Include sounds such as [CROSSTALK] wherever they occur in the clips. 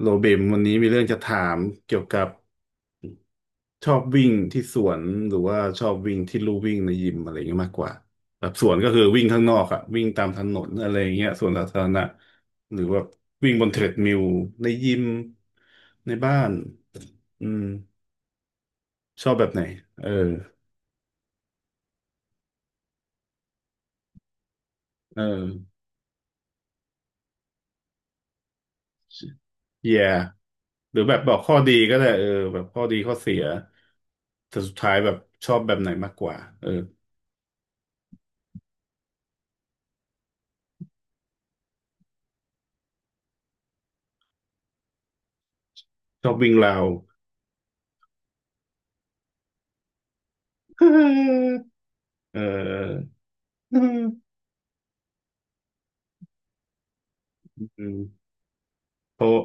โรเบมวันนี้มีเรื่องจะถามเกี่ยวกับชอบวิ่งที่สวนหรือว่าชอบวิ่งที่ลู่วิ่งในยิมอะไรอย่างเงี้ยมากกว่าแบบสวนก็คือวิ่งข้างนอกอะวิ่งตามถนนอะไรอย่างเงี้ยสวนสาธารณะหรือว่าวิ่งบนเทรดมิลในยิมในบ้านอืมชอบแบบไหนเออเออ y ย่หรือแบบบอกข้อดีก็ได้เออแบบข้อดีข้อเสียแต่สุดท้ายแบบชอบแบบไหนมากกว่าเออชอบวิ่งราว [LAUGHS] เออ [LAUGHS] อืม เพราะ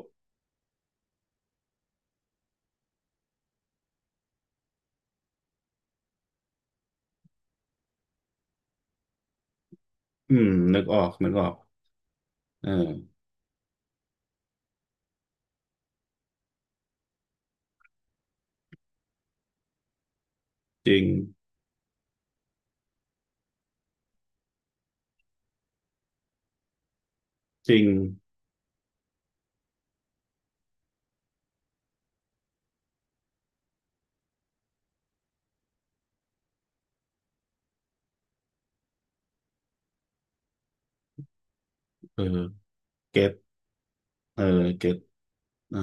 อืม นึกออกนึกออกเออจริง จริง เออเก็ตเออเก็ตอ่า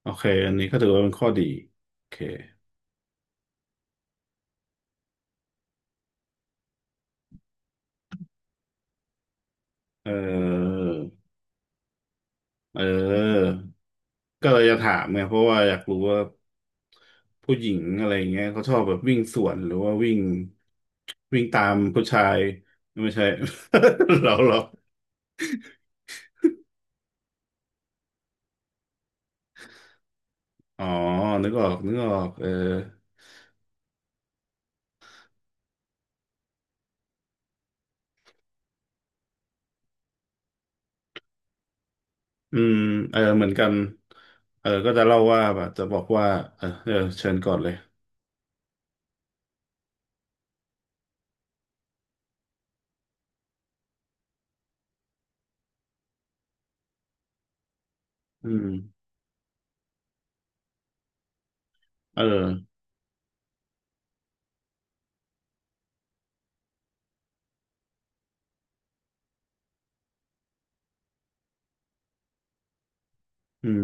โอเค อันนี้ก็ถือว่าเป็นข้อดีโอเคเออเออก็เลยจะถามไงเพราะว่าอยากรู้ว่าผู้หญิงอะไรอย่างเงี้ยเขาชอบแบบวิ่งสวนหรือว่าวิ่งวิ่งตามผู้ชายไม่ใช่ [LAUGHS] เราอ๋อนึกออก นึกออกเออ อืมเออเหมือนกันเออก็จะเล่าว่าแบบจะบอกว่าเออเออเชิญก่อนเลยอืมเอออืม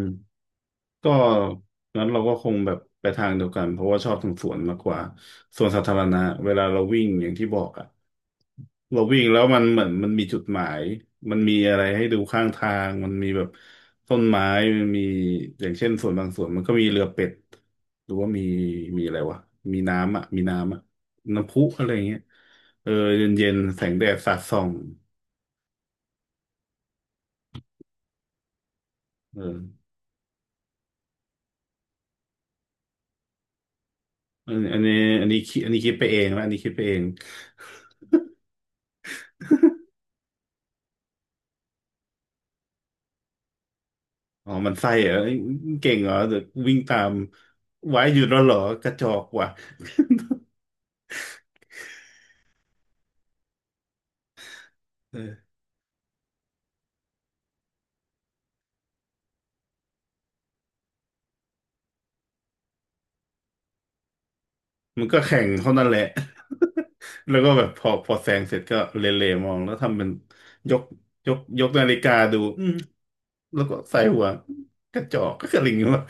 ก็งั้นเราก็คงแบบไปทางเดียวกัน เพราะว่าชอบสวนมากกว่าสวนสาธารณะเวลาเราวิ่งอย่างที่บอกอ่ะ เราวิ่งแล้วมันเหมือนมันมีจุดหมาย มันมีอะไรให้ดูข้างทาง มันมีแบบต้นไม้มันมีอย่างเช่นส่วนบางส่วนมันก็มีเรือเป็ดหรือว่ามีอะไรวะมีน้ำอ่ะมีน้ำอ่ะน้ำพุอะไรอย่างเงี้ยเออเย็นเย็นแสงแดดสาดส่องเอออันนี้อันนี้คิดไปเองนะอันนี้คิดไปเองอ๋อมันไส้เหรอเอ้ยเก่งเหรอเดี๋ยววิ่งตามไว้หยุดแล้วเหรอกระจอกว่ะเออ มันก็แข่งเท่านั้นแหละ [LAUGHS] แล้วก็แบบพอแซงเสร็จก็เหลๆมองแล้วทำเป็นยกยกนาฬิกาดูอืมแล้วก็ใส่หัวกระจอกก็กระลิงเงี้ยวะ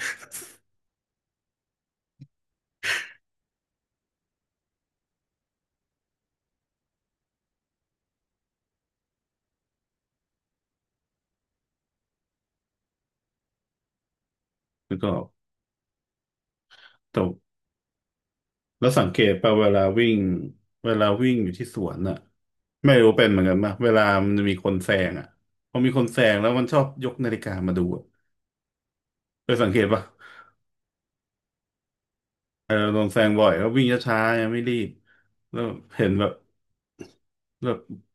[LAUGHS] แล้วก็ตบแล้วสังเกตป่ะเวลาวิ่งอยู่ที่สวนน่ะไม่รู้เป็นเหมือนกันป่ะเวลามันมีคนแซงอ่ะพอมีคนแซงแล้วมันชอบยกนาฬิกามาดูอะเคยสังเกตป่ะเออลงแซงบ่อยแล้ววิ่งช้าๆยังไม่รีบแล้วเห็นแบบ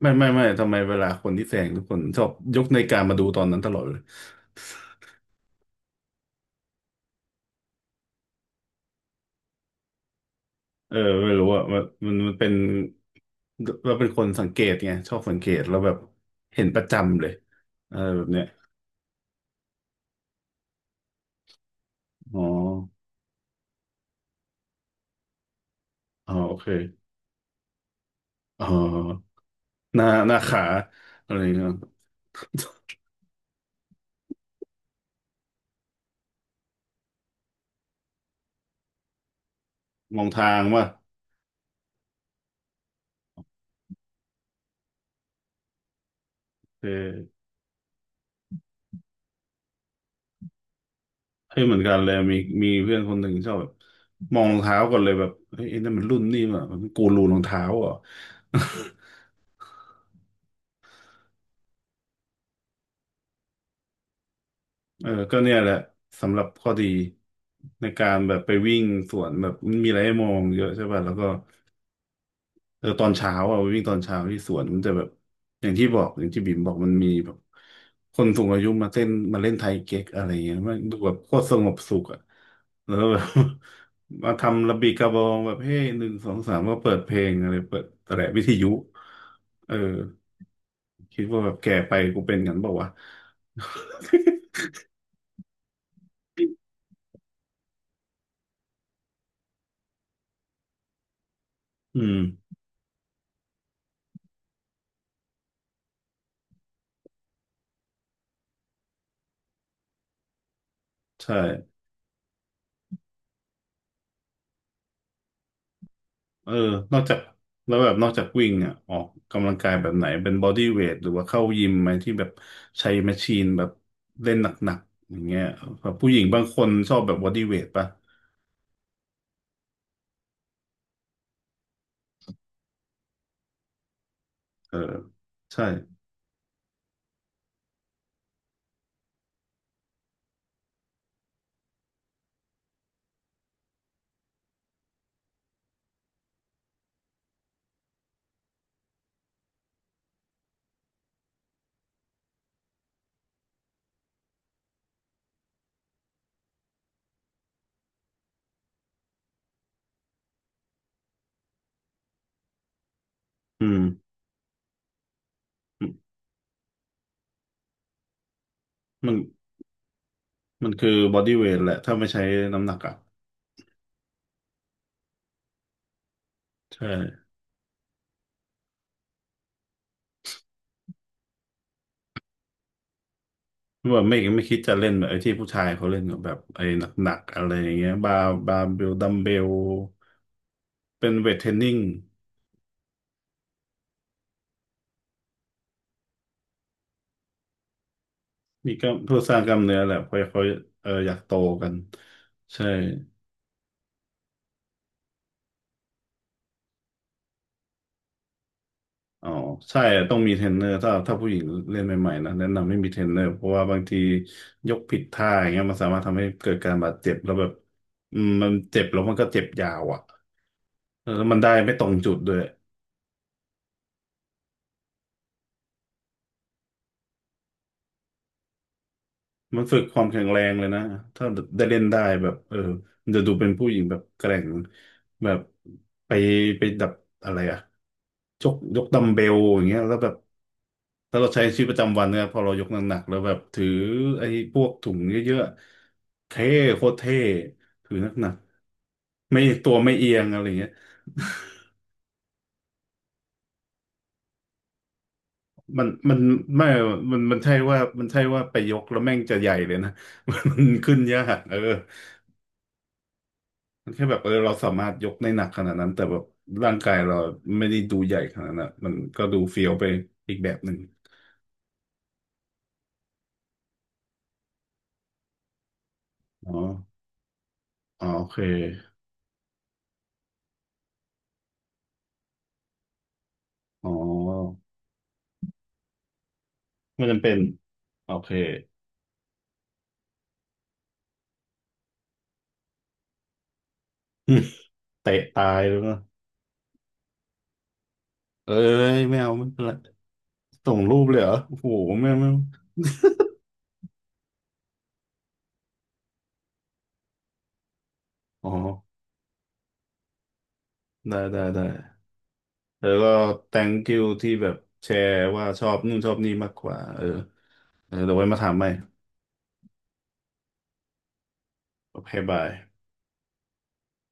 ไม่ไม่ไม่ทำไมเวลาคนที่แซงทุกคนชอบยกนาฬิกามาดูตอนนั้นตลอดเลยเออไม่รู้อะมันเป็นเราเป็นคนสังเกตไงชอบสังเกตแล้วแบบเห็นประจำเลยอะไรแบบเนี้ยอ๋ออ๋อโอเคอ๋อหน้าหน้าขาอะไรเงี้ยมองทางว่าเออเฮ้ยเหมือนกันเลยมีเพื่อนคนหนึ่งชอบแบบมองรองเท้าก่อนเลยแบบเฮ้ยไอ้นั่นมันรุ่นนี่ว่ะมันกูรูรองเท้าเหรอ่ะ เออก็เนี่ยแหละสำหรับข้อดีในการแบบไปวิ่งสวนแบบมันมีอะไรให้มองเยอะใช่ป่ะแล้วก็เออตอนเช้าอ่ะไปวิ่งตอนเช้าที่สวนมันจะแบบอย่างที่บอกอย่างที่บิ่มบอกมันมีแบบคนสูงอายุมาเต้นมาเล่นไทยเก๊กอะไรเงี้ยมันดูแบบโคตรสงบสุขอ่ะแล้วแบบ [LAUGHS] มาทำระบีกระบองแบบเฮ้ยหนึ่งสองสามก็เปิดเพลงอะไรเปิดแตะวิทยุเออคิดว่าแบบแก่ไปกูเป็นกันเปล่าวะ [LAUGHS] อืมใช่ เออ นอกจากแล้วแบบนอกจากวิ่งอ่ะออกกำลังกายแบบไหนเป็นบอดี้เวทหรือว่าเข้ายิมไหมที่แบบใช้แมชชีนแบบเล่นหนักๆอย่างเงี้ยแบบผู้หญิงบางคนชอบแบบบอดี้เวทป่ะเออใช่อืมมันมันคือบอดี้เวทแหละถ้าไม่ใช้น้ำหนักอ่ะใช่แบบไม่ไม่คิดจะเล่นแบบไอ้ที่ผู้ชายเขาเล่นกับแบบไอ้หนักๆอะไรอย่างเงี้ยบาร์เบลดัมเบลเป็นเวทเทรนนิ่งมีก็เพื่อสร้างกล้ามเนื้อแหละเพราะเขาเอออยากโตกันใช่ อ๋อใช่อะต้องมีเทรนเนอร์ถ้าผู้หญิงเล่นใหม่ๆนะแนะนำไม่มีเทรนเนอร์เพราะว่าบางทียกผิดท่าอย่างเงี้ยมันสามารถทำให้เกิดการบาดเจ็บแล้วแบบอืมมันเจ็บแล้วมันก็เจ็บยาวอ่ะแล้วมันได้ไม่ตรงจุดด้วยมันฝึกความแข็งแรงเลยนะถ้าได้เล่นได้แบบเออจะดูเป็นผู้หญิงแบบแกร่งแบบไปไปดับอะไรอ่ะยกดัมเบลอย่างเงี้ยแล้วแบบ ถ้าเราใช้ชีวิตประจำวันเนี่ยพอเรายกหนักๆแล้วแบบถือไอ้พวกถุงเยอะๆเท่โคตรเท่ถือหนักๆไม่ตัวไม่เอียงอะไรเงี้ยมันไม่มันใช่ว่ามันใช่ว่าไปยกแล้วแม่งจะใหญ่เลยนะ [LAUGHS] มันขึ้นยากเออมันแค่แบบเออเราสามารถยกได้หนักขนาดนั้นแต่แบบร่างกายเราไม่ได้ดูใหญ่ขนาดนั้นมันก็ดูเฟี้ยวไปอีกแบบหนึ่งอ๋ออ๋อโอเคอ๋อไม่จำเป็นโอเคเตะตายแล้วนะ เอ้ยไม่เอาไม่เป็นไรส่งรูปเลยเหรอโอ้โหไม่เอาไม่เอาอ๋อได้ได้ได้แล้วก็ thank you ที่แบบแชร์ว่าชอบนู่นชอบนี่มากกว่าเออเออเดี๋ยวไว้มาถามใหม่โอเคบาย